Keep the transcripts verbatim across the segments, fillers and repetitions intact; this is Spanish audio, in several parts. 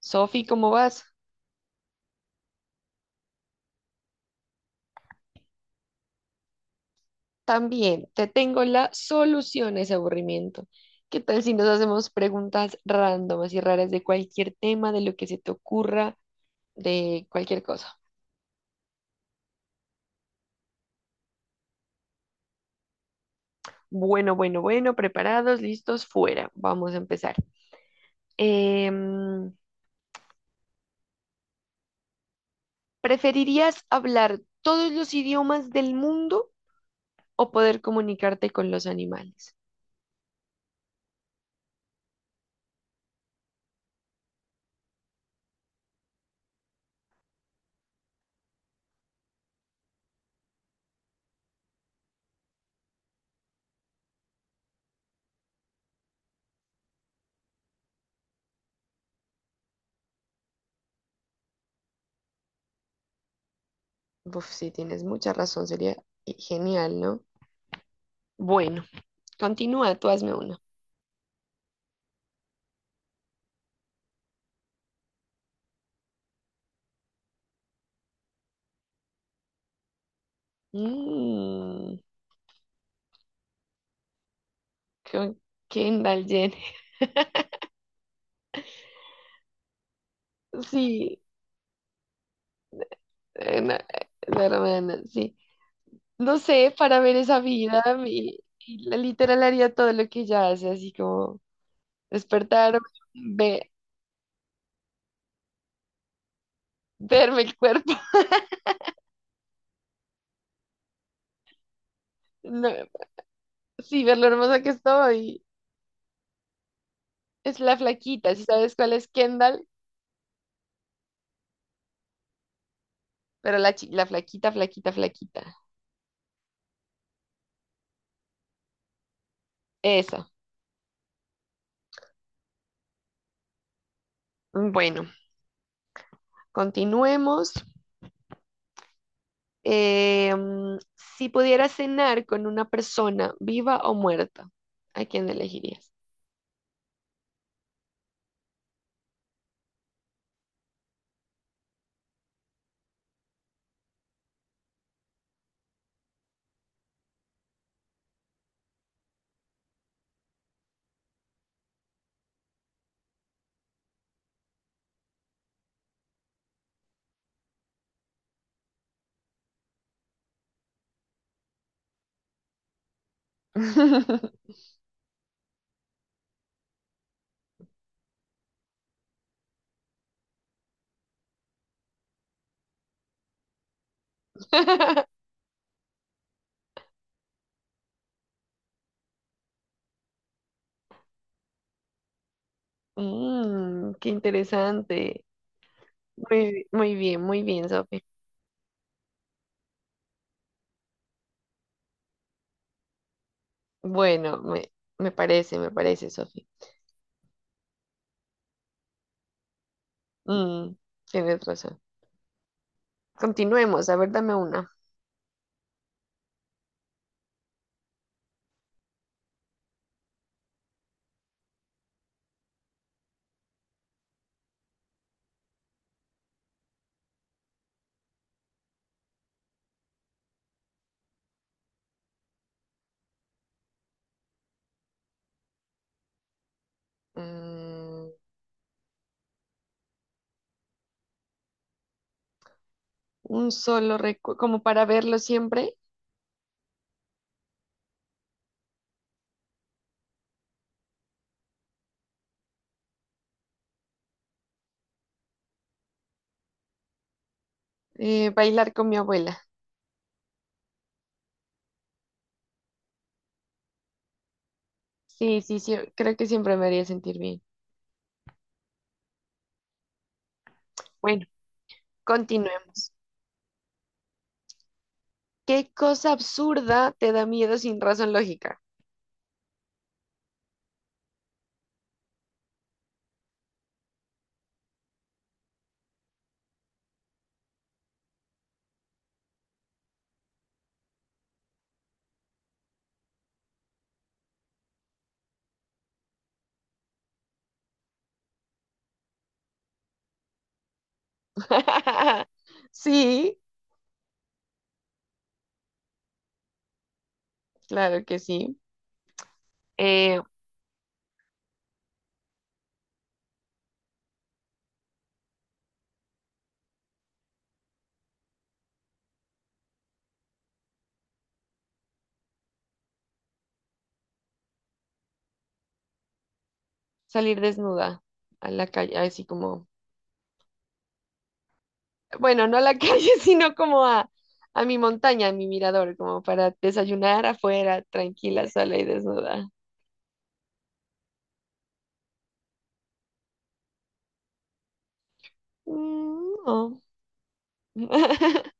Sofi, ¿cómo vas? También te tengo la solución a ese aburrimiento. ¿Qué tal si nos hacemos preguntas rándomas y raras de cualquier tema, de lo que se te ocurra, de cualquier cosa? Bueno, bueno, bueno, preparados, listos, fuera. Vamos a empezar. Em, ¿preferirías hablar todos los idiomas del mundo o poder comunicarte con los animales? Uf, sí, tienes mucha razón, sería eh, genial, ¿no? Bueno, continúa, tú hazme una. Mm, con Kendall Jenner. Sí, eh, no, eh, la hermana, sí. No sé, para ver esa vida, mi- y la literal haría todo lo que ella hace, así como despertarme, ve- verme el cuerpo, no, sí, ver lo hermosa que estoy. Es la flaquita, si sabes cuál es Kendall, pero la, chi- la flaquita, flaquita, flaquita. Eso. Bueno, continuemos. Eh, mm, si pudiera cenar con una persona viva o muerta, ¿a quién elegirías? Mm, qué interesante. Muy, muy bien, muy bien, Sofi. Bueno, me, me parece, me parece, Sofi. Mm, tienes razón. Continuemos, a ver, dame una. Mm, un solo recuerdo, como para verlo siempre, eh, bailar con mi abuela. Sí, sí, sí, creo que siempre me haría sentir bien. Bueno, continuemos. ¿Qué cosa absurda te da miedo sin razón lógica? Sí, claro que sí. Eh, salir desnuda a la calle, así como, bueno, no a la calle, sino como a, a mi montaña, a mi mirador, como para desayunar afuera, tranquila, sola y desnuda. Mm, no.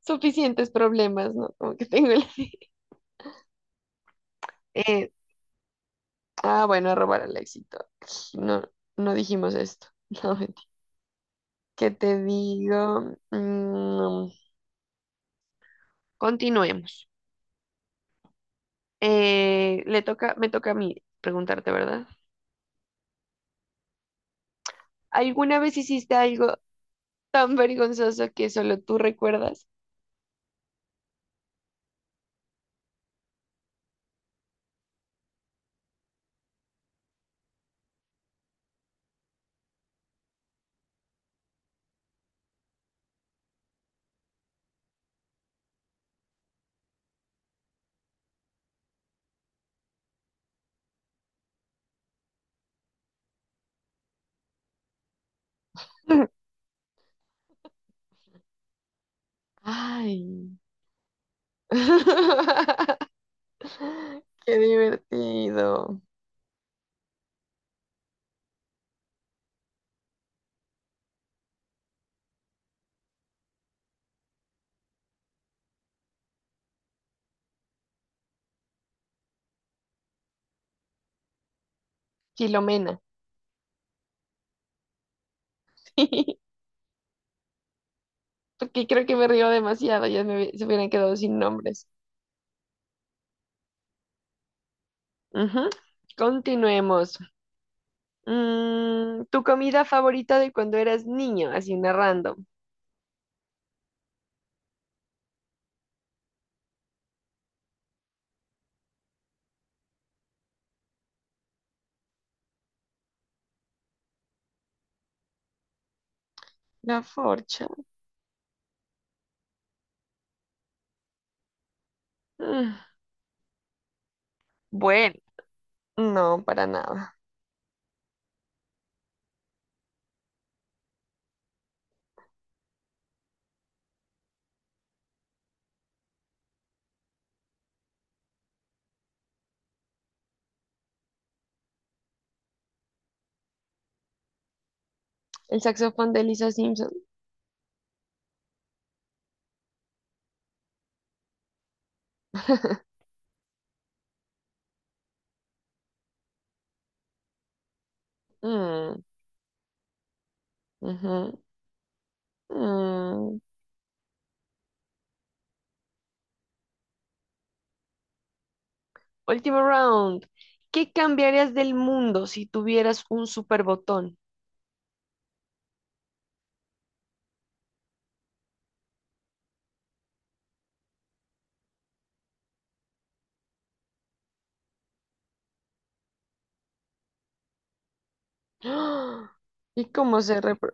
Suficientes problemas, ¿no? Como que tengo el... Eh, ah, bueno, robar al éxito. No, no dijimos esto. No, ¿qué te digo? Mm, continuemos. Eh, le toca, me toca a mí preguntarte, ¿verdad? ¿Alguna vez hiciste algo tan vergonzoso que solo tú recuerdas? Ay. Qué divertido. Filomena. Porque creo que me río demasiado, ya me hubie- se hubieran quedado sin nombres. Ujú. Continuemos. Mm, ¿tu comida favorita de cuando eras niño? Así una random. La forcha. Mm, bueno, no, para nada. El saxofón de Lisa Simpson. Mm, ujú, mm. Último round. ¿Qué cambiarías del mundo si tuvieras un super botón? ¡Ah! ¿Y cómo se repro...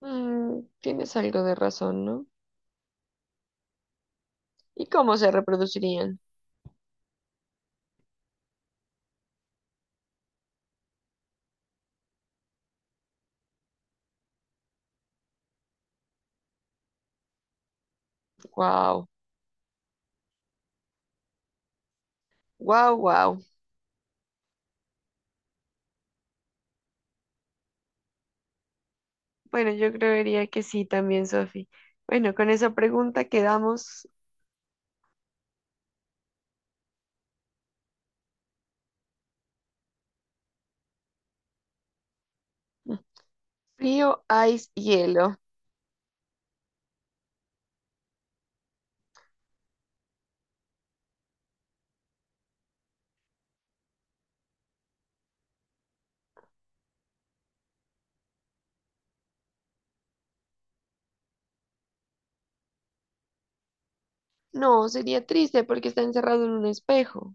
Mm, tienes algo de razón, ¿no? ¿Y cómo se reproducirían? Wow, wow, wow. Bueno, yo creería que sí también, Sofi. Bueno, con esa pregunta quedamos frío, ice, hielo. No, sería triste porque está encerrado en un espejo.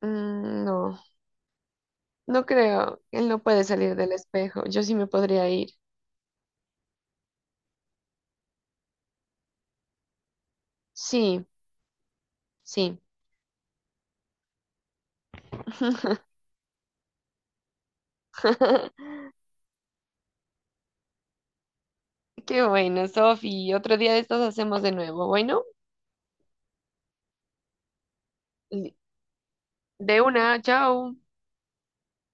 Mm, no, no creo. Él no puede salir del espejo. Yo sí me podría ir. Sí, sí. Qué bueno, Sofi. Otro día de estos hacemos de nuevo. Bueno, de una, chao.